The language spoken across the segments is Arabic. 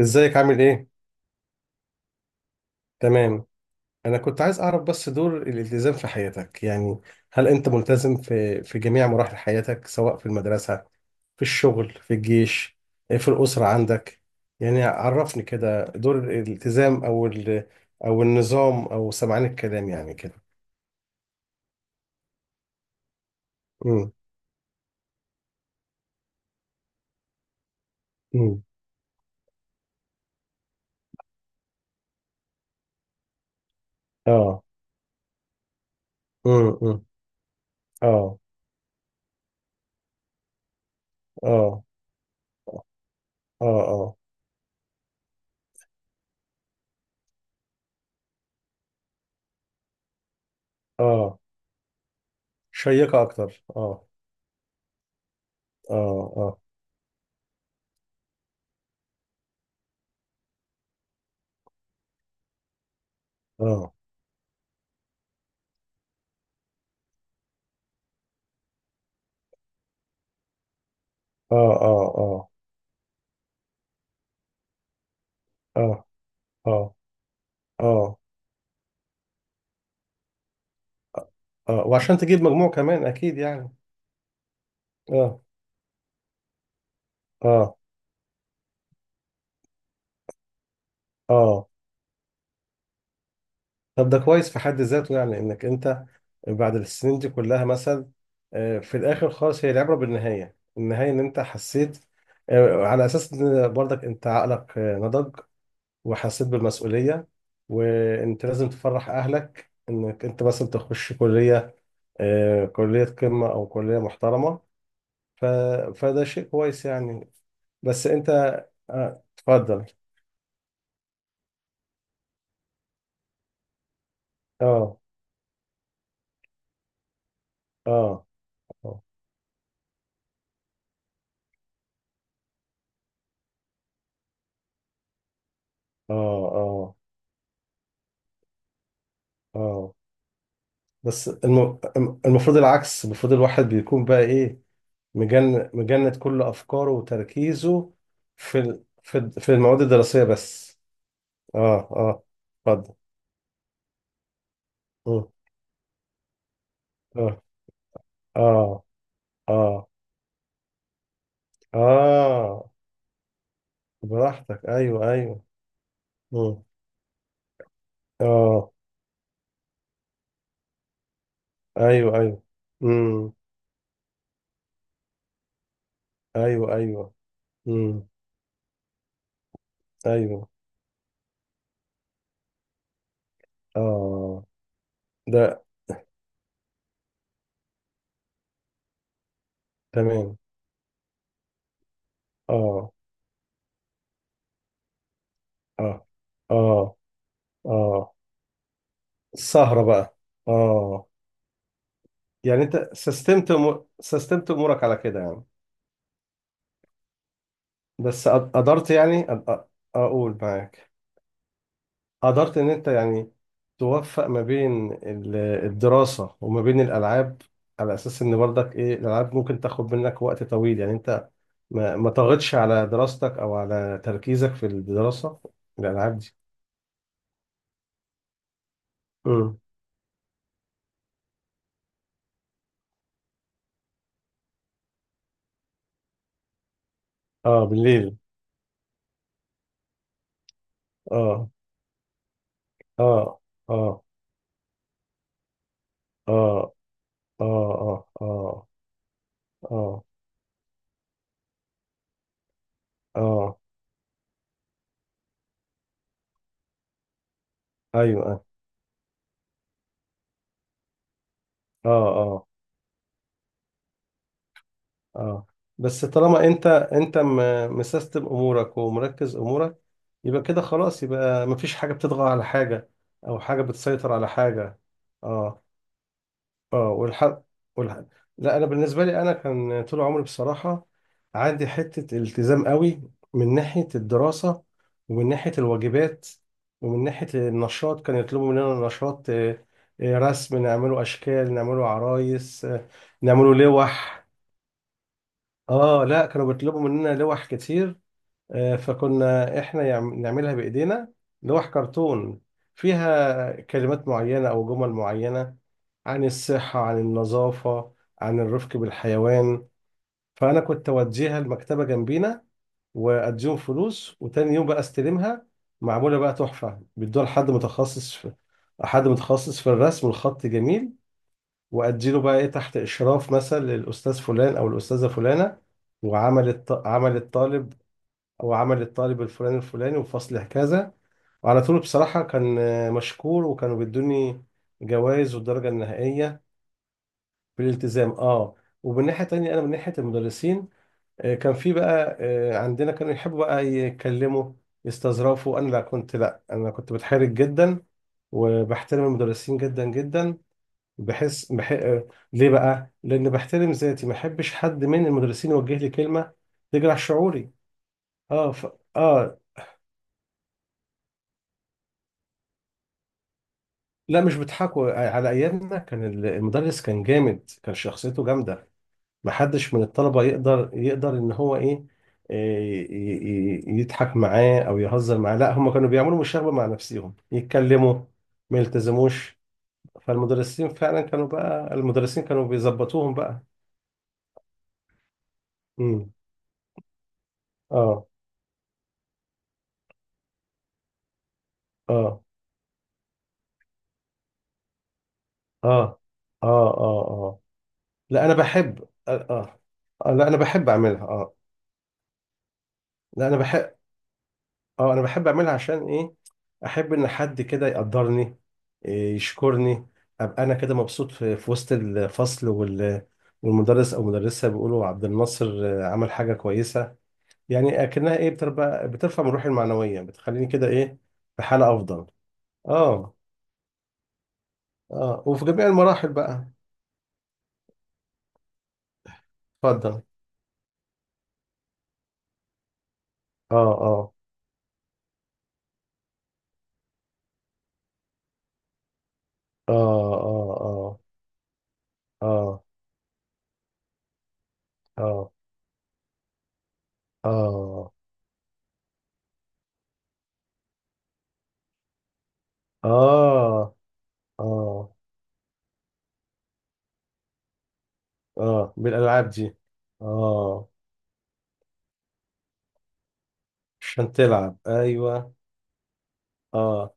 ازيك عامل ايه؟ تمام. انا كنت عايز اعرف بس دور الالتزام في حياتك يعني، هل انت ملتزم في جميع مراحل حياتك؟ سواء في المدرسة، في الشغل، في الجيش، في الأسرة عندك. يعني عرفني كده دور الالتزام او النظام او سمعان الكلام يعني كده. امم. امم. اه. امم. امم. اه. اه. اه. اه. اه. شيقة اكتر، اه. اه. اه. اه. اه. اه. اه. اه. اه. اه. وعشان تجيب مجموع كمان اكيد يعني. اه. اه. اه. طب ده كويس في حد ذاته، يعني انك انت بعد السنين دي كلها مثلا في الاخر خالص، هي العبره بالنهايه، ان انت حسيت، على اساس ان برضك انت عقلك نضج، وحسيت بالمسؤوليه، وانت لازم تفرح اهلك انك انت مثلا تخش كليه، كليه قمه او كليه محترمه. ف... فده شيء كويس يعني. بس انت اتفضل. اه. اه. اه. اه. اه. بس الم- المفروض العكس، المفروض الواحد بيكون بقى ايه؟ مجند كل افكاره وتركيزه في المواد الدراسيه بس. اه. اه. اتفضل. مم. اه. اه. اه. اه. براحتك، ايوه ايوه. مم. اه. ايوه ايوه. امم. ايوه ايوه. امم. ايوه. اه. ده تمام. اه. اه. اه. اه. السهرة بقى، اه. يعني انت سستمت امورك على كده يعني. قدرت يعني اقول معاك، قدرت ان انت يعني توفق ما بين الدراسة وما بين الالعاب، على اساس ان برضك ايه، الالعاب ممكن تاخد منك وقت طويل. يعني انت ما طغتش على دراستك او على تركيزك في الدراسة الالعاب دي؟ امم. اه بالليل. اه. اه. اه. اه. اه. اه. اه. اه. اه. آه. ايوه. اه. اه. اه. بس طالما انت مسيستم امورك ومركز امورك، يبقى كده خلاص، يبقى مفيش حاجه بتطغى على حاجه او حاجه بتسيطر على حاجه. اه. اه. والحق، والحق، لا انا بالنسبه لي، انا كان طول عمري بصراحه عندي حته التزام قوي، من ناحيه الدراسه، ومن ناحيه الواجبات، ومن ناحيه النشاط. كان يطلبوا مننا نشاط رسم، نعمله اشكال، نعمله عرايس، نعمله لوح. اه، لا كانوا بيطلبوا مننا لوح كتير. فكنا احنا نعملها بايدينا، لوح كرتون فيها كلمات معينة او جمل معينة عن الصحة، عن النظافة، عن الرفق بالحيوان. فانا كنت اوديها المكتبة جنبينا واديهم فلوس، وتاني يوم بقى استلمها معمولة بقى تحفة. بيدوها لحد متخصص في، حد متخصص في الرسم والخط جميل، واديله بقى ايه تحت اشراف مثلا للاستاذ فلان او الاستاذه فلانه. عمل الطالب، او عمل الطالب الفلاني الفلاني وفصل كذا. وعلى طول بصراحه كان مشكور، وكانوا بيدوني جوائز والدرجه النهائيه بالالتزام، اه. ومن ناحيه تانية انا من ناحيه المدرسين، كان في بقى عندنا كانوا يحبوا بقى يتكلموا يستظرفوا. انا لا كنت، لا انا كنت بتحرج جدا وبحترم المدرسين جدا جدا. ليه بقى؟ لأن بحترم ذاتي، ما أحبش حد من المدرسين يوجه لي كلمة تجرح شعوري. اه. اه، لا مش بيضحكوا، على أيامنا كان المدرس كان جامد، كان شخصيته جامدة. ما حدش من الطلبة يقدر إن هو إيه، يضحك معاه أو يهزر معاه. لا، هم كانوا بيعملوا مشاغبة مع نفسهم يتكلموا ما يلتزموش. فالمدرسين فعلا كانوا بقى، المدرسين كانوا بيظبطوهم بقى. امم. اه. اه. اه. اه. اه. اه. لا انا بحب، اه. لا انا بحب اعملها، اه. لا انا بحب. اه انا بحب اعملها عشان ايه؟ احب ان حد كده يقدرني، إيه، يشكرني، ابقى انا كده مبسوط في وسط الفصل والمدرس او مدرسة بيقولوا عبد الناصر عمل حاجة كويسة. يعني اكنها ايه، بترفع بترفع من روحي المعنوية، بتخليني كده ايه، في حالة افضل. اه. اه. وفي جميع المراحل بقى. اتفضل. اه. اه. اه. اه. اه. اه. اه. اه. اه. اه. اه بالالعاب دي. اه، عشان تلعب، ايوه. اه.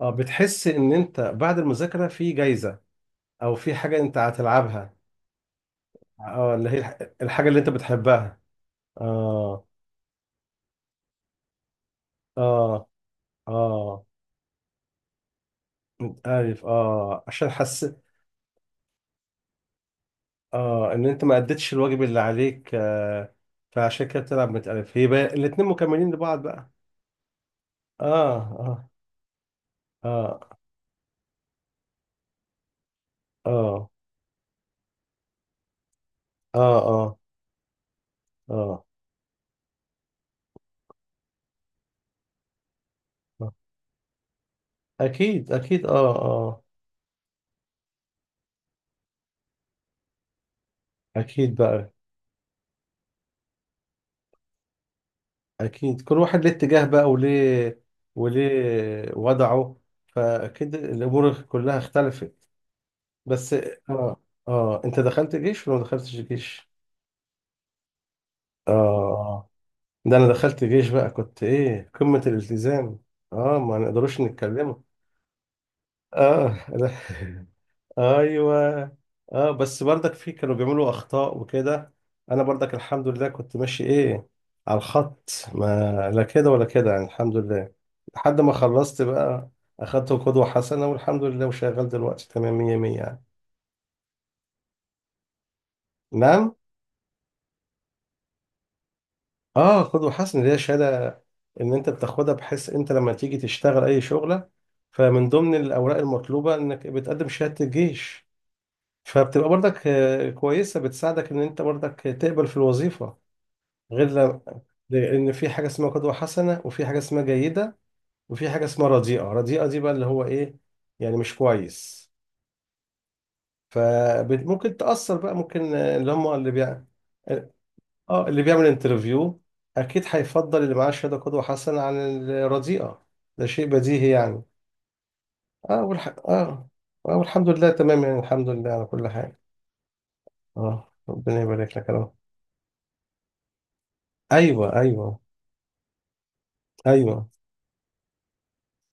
اه. بتحس ان انت بعد المذاكره في جايزه، او في حاجه انت هتلعبها. اه، اللي هي الحاجه اللي انت بتحبها. اه. اه. اه. انت عارف، اه عشان حس. اه ان انت ما اديتش الواجب اللي عليك، فعشان كده بتلعب متألف. هي بقى الاتنين مكملين لبعض بقى. اه. اه. اه. اه. اه. آه. اه. آه. اكيد اكيد، اه. اه. اكيد بقى. اكيد كل واحد ليه اتجاه بقى، وليه، وليه وضعه، فاكيد الامور كلها اختلفت. بس اه. اه انت دخلت جيش ولا ما دخلتش جيش؟ اه. آه. ده انا دخلت جيش بقى كنت ايه قمة الالتزام. اه، ما نقدروش نتكلموا. اه، لا. ايوه. اه، بس برضك في كانوا بيعملوا اخطاء وكده. انا برضك الحمد لله كنت ماشي ايه، على الخط، ما لا كده ولا كده يعني، الحمد لله. لحد ما خلصت بقى اخدت قدوة حسنة والحمد لله، وشغال دلوقتي تمام 100 100 يعني. نعم. اه، قدوة حسنة اللي هي شهادة ان انت بتاخدها، بحيث انت لما تيجي تشتغل اي شغلة، فمن ضمن الاوراق المطلوبة انك بتقدم شهادة الجيش. فبتبقى برضك كويسة بتساعدك ان انت برضك تقبل في الوظيفة. غير لو، لأن في حاجة اسمها قدوة حسنة، وفي حاجة اسمها جيدة، وفي حاجة اسمها رديئة. رديئة دي بقى اللي هو إيه، يعني مش كويس. فممكن تأثر بقى، ممكن اللي هم اللي بيع، اه اللي بيعمل انترفيو، أكيد هيفضل اللي معاه شهادة قدوة حسنة عن الرديئة. ده شيء بديهي يعني. اه اه، والحمد لله تمام يعني، الحمد لله على كل حاجة. اه، ربنا يبارك لك يا رب. ايوه ايوه. ايوه.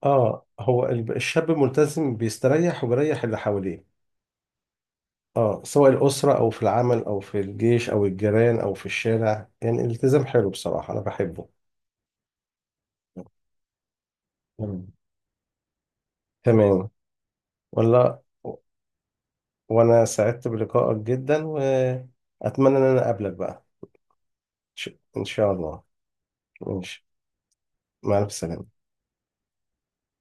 اه، هو الشاب الملتزم بيستريح وبيريح اللي حواليه. اه، سواء الأسرة أو في العمل أو في الجيش أو الجيران أو في الشارع. يعني الالتزام حلو بصراحة، أنا بحبه. مم. تمام. والله وأنا سعدت بلقائك جدا، وأتمنى إن أنا أقابلك بقى. إن شاء الله. ماشي. مع السلامة.